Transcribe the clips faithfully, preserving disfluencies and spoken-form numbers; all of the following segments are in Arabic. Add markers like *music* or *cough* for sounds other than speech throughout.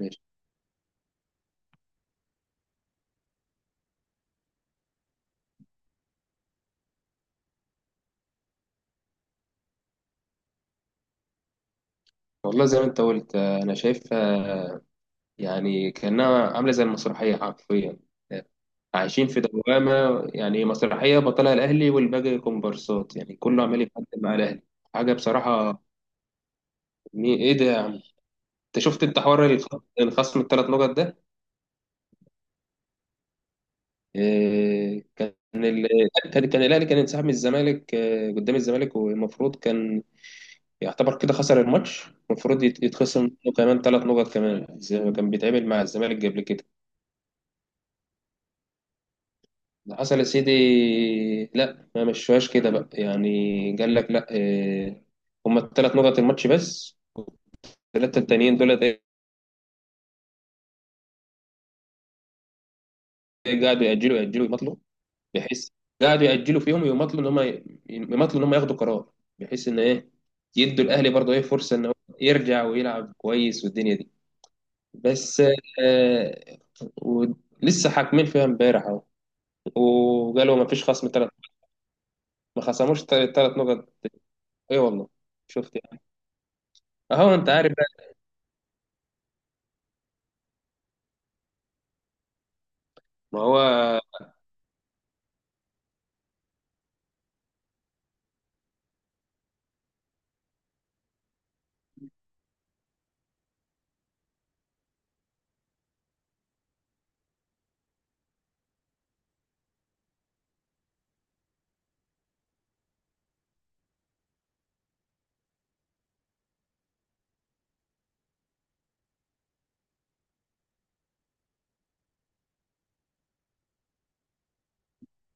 ماشي. والله زي ما انت قلت آه، انا شايفها، يعني كانها عامله زي المسرحيه حرفيا. عايشين في دوامه، يعني مسرحيه بطلها الاهلي والباقي كومبارسات، يعني كله عمال يتقدم مع الاهلي. حاجه بصراحه. مي- ايه ده يا عم؟ انت شفت، انت حوار الخ- الخصم الثلاث نقط ده؟ إيه كان ال... كان كان الاهلي كان انسحب من الزمالك آه، قدام الزمالك، والمفروض كان يعتبر كده خسر الماتش. المفروض يت- يتخصم منه كمان ثلاث نقط كمان زي ما كان بيتعمل مع الزمالك قبل كده. اللي حصل يا سيدي، لا، ما مشوهاش كده بقى، يعني قال لك لا آه، هما الثلاث نقط الماتش بس. والثلاثه التانيين دول إيه، قعدوا يأجلوا يأجلوا يمطلوا، بحيث قعدوا يأجلوا فيهم ويمطلوا ان هم، يمطلوا ان هم ياخدوا قرار، بحيث ان ايه، يدوا الاهلي برضه ايه فرصه ان هو يرجع ويلعب كويس والدنيا دي. بس آه، ولسه حاكمين فيها امبارح اهو. وقالوا ما فيش خصم ثلاث، ما خصموش ثلاث نقط. اي والله، شفت يعني. اهو انت عارف. ما هو.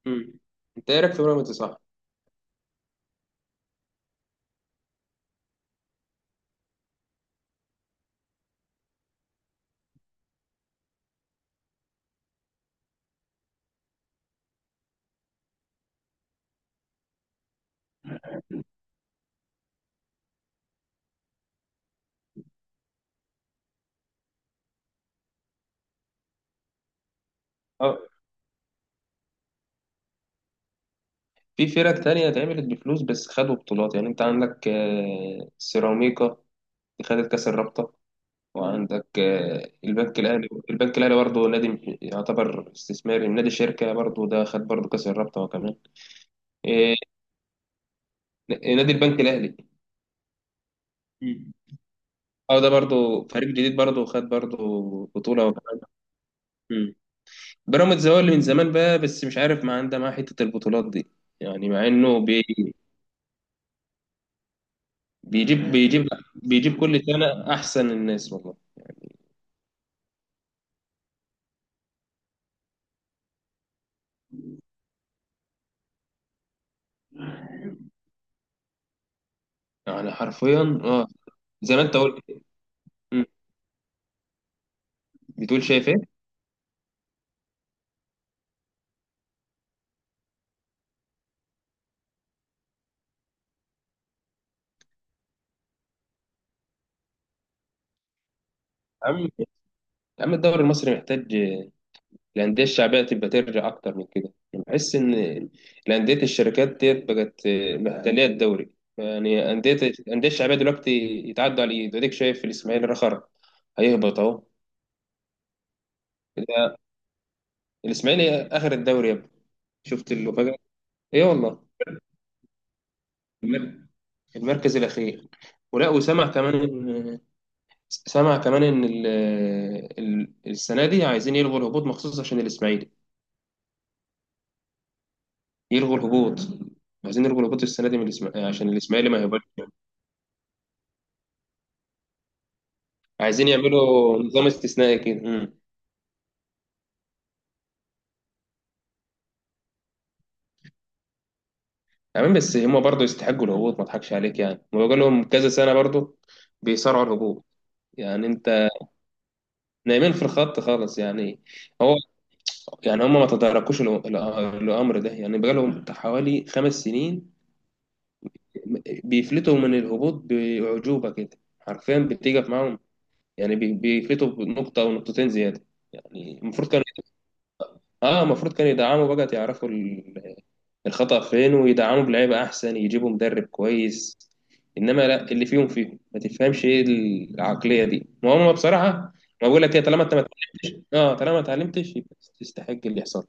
مم. انت ايه رايك في بيراميدز صح؟ اه، في فرق تانية اتعملت بفلوس بس خدوا بطولات، يعني انت عندك آه، سيراميكا، دي خدت كاس الرابطة. وعندك آه، البنك الاهلي، البنك الاهلي برضه نادي م- يعتبر استثماري، نادي شركة برضه، ده خد برضه كاس الرابطة وكمان. إيه، نادي البنك الاهلي. مم. اه، ده برضه فريق جديد برضه خد برضه بطولة وكمان. مم. بيراميدز هو اللي من زمان بقى، بس مش عارف، ما عنده معاه حتة البطولات دي، يعني مع انه بي بيجيب آه، بيجيب بيجيب كل سنة أحسن الناس والله. يعني حرفيا اه، زي ما أنت قلت. مم. بتقول شايف إيه؟ يا عم يا عم، الدوري المصري محتاج آه، الأندية الشعبية تبقى ترجع أكتر من كده، أنا بحس إن الأندية، الشركات ديت بقت آه، محتلية الدوري، يعني أندية الأندية الشعبية دلوقتي يتعدوا على الإيد، وأديك شايف الإسماعيلي رخر هيهبط أهو. ده الإسماعيلي آخر الدوري يا ابني. شفت المفاجأة؟ إيه والله. المر- المركز الأخير. ولا وسمع كمان، سامع كمان ان ال ال السنه دي عايزين يلغوا الهبوط مخصوص عشان الاسماعيلي. يلغوا الهبوط، عايزين يلغوا الهبوط السنه دي من الاسماعيلي عشان الاسماعيلي ما يهبطش. عايزين يعملوا نظام استثنائي كده. امم تمام، بس هم برضه يستحقوا الهبوط. ما اضحكش عليك يعني، ما بقول لهم كذا سنه برضه بيصارعوا الهبوط. يعني انت، نايمين في الخط خالص يعني. هو، يعني هم ما تداركوش ال- ال- الامر ده، يعني بقى لهم حوالي خمس سنين بيفلتوا من الهبوط باعجوبه كده حرفيا، بتيجي معاهم يعني، بي- بيفيتوا بنقطة أو نقطتين زيادة. يعني المفروض كان، اه المفروض كانوا يدعموا بقى، يعرفوا ال- الخطأ فين، ويدعموا بلعيبة أحسن، يجيبوا مدرب كويس. إنما لا، اللي فيهم فيهم ما تفهمش إيه، العقلية دي. ما هم بصراحة، ما بقول لك إيه، طالما أنت ما، اه طالما ما اتعلمتش يبقى تستحق اللي يحصل.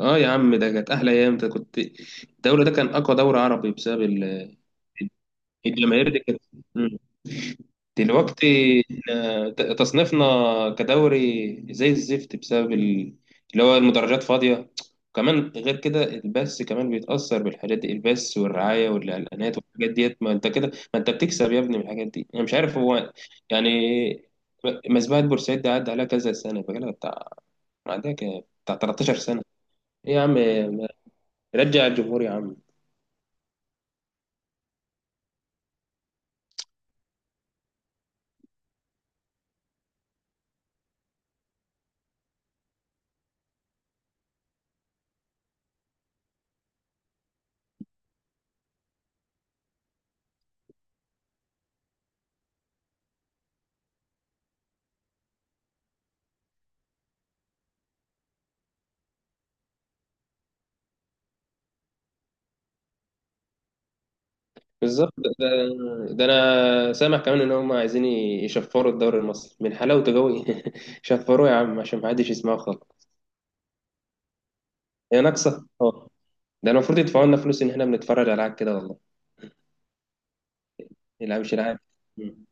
اه يا عم، ده كانت أحلى أيام، ده كنت، الدوري ده كان أقوى دوري عربي بسبب ال- الجماهير دي كانت. دلوقتي، إحنا ت- تصنيفنا كدوري زي الزفت بسبب ال- اللي هو المدرجات فاضية. وكمان غير كده البث كمان بيتأثر بالحاجات دي، البث والرعاية والإعلانات والحاجات ديت، ما انت كده، ما انت بتكسب يا ابني من الحاجات دي، انا مش عارف هو يعني. مسبحة بورسعيد دي عدى عليها كذا سنة، بقالها بتاع، عندها بتاع 13 سنة. ايه يا عم، رجع الجمهور يا عم. بالظبط ده, ده ده، انا سامع كمان ان هم عايزين يشفروا الدوري المصري من حلاوته قوي. *laughs* شفروه يا عم عشان ما حدش يسمعه خالص. هي ناقصه اه. ده المفروض يدفعوا لنا فلوس ان احنا بنتفرج على العاب كده والله. يلعب مش العاب. مم.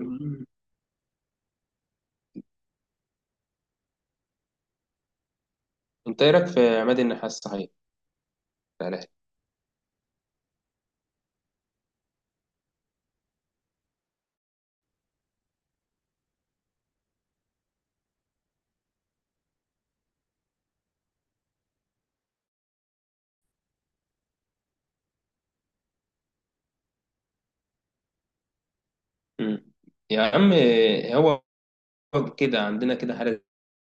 مم. انت ايه رايك في عماد النحاس صحيح، بتاع الأهلي؟ مم. يا عم، هو كده عندنا كده حاجه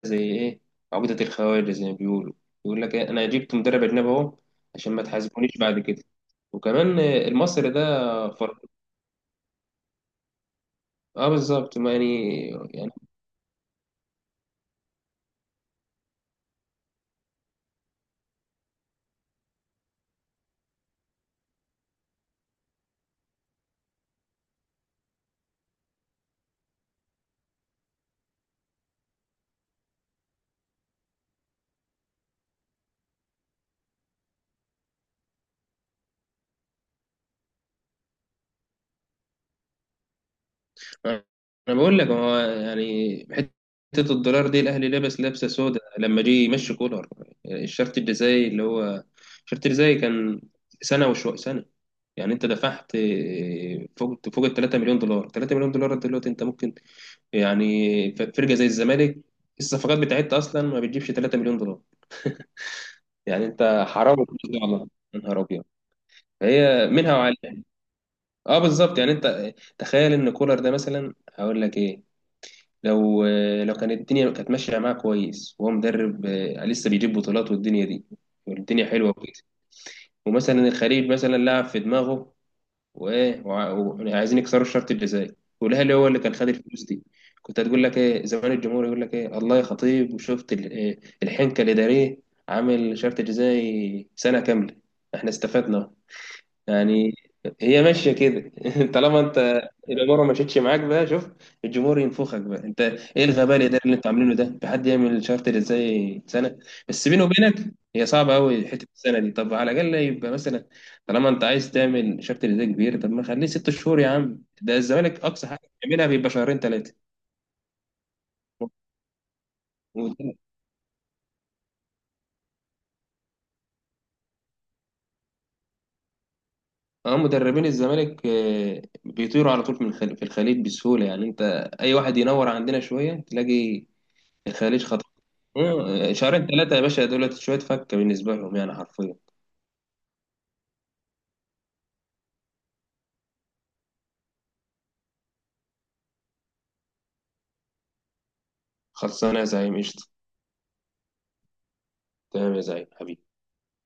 زي ايه، عقده الخواجه زي ما بيقولوا. يقول لك إيه، انا جبت مدرب اجنبي اهو عشان ما تحاسبونيش بعد كده. وكمان المصري ده، اه بالظبط ما يعني، يعني انا بقول لك، هو يعني حته الدولار دي، الاهلي لابس لابسه سودا لما جه يمشي كولر. الشرط الجزائي اللي هو، الشرط الجزائي كان سنه وشويه سنه. يعني انت دفعت فوق، فوق ال تلاتة مليون دولار مليون دولار. تلاتة مليون دولار مليون دولار دلوقتي انت ممكن يعني، ف- فرقه زي الزمالك الصفقات بتاعتها اصلا ما بتجيبش تلاتة مليون دولار مليون دولار. يعني انت حرام الفلوس دي والله. يا نهار ابيض. هي منها وعليها. اه بالظبط، يعني انت تخيل ان كولر ده مثلا، هقول لك ايه، لو لو كانت الدنيا كانت ماشيه معاه كويس وهو مدرب آه، لسه بيجيب بطولات والدنيا دي والدنيا حلوه وكده، ومثلا الخليج مثلا لعب في دماغه وايه وع- وعايزين يكسروا الشرط الجزائي، والاهلي هو اللي كان خد الفلوس دي. كنت هتقول لك ايه زمان الجمهور يقول لك ايه الله يا خطيب، وشفت ال- إيه، الحنكه الاداريه، عامل شرط جزائي سنه كامله، احنا استفدنا يعني. هي ماشيه كده. *laughs* طالما انت الاماره ما مشيتش معاك بقى، شوف الجمهور ينفخك بقى، انت ايه الغباء الاداري اللي انتوا عاملينه ده؟ في حد يعمل شارت ازاي سنه؟ بس بيني وبينك هي صعبه قوي حته السنه دي. طب على الاقل يبقى مثلا، طالما انت عايز تعمل شارت ازاي كبير، طب ما خليه ست شهور يا عم. ده الزمالك اقصى حاجه بيعملها بيبقى شهرين ثلاثه. اه مدربين الزمالك آه، بيطيروا على طول من الخل- في الخليج بسهوله، يعني انت اي واحد ينور عندنا شويه تلاقي الخليج. مم، شهرين ثلاثة يا باشا، دولت شوية فكة بالنسبة لهم يعني حرفيا. خلصانة يا زعيم، قشطة. تمام يا زعيم حبيبي.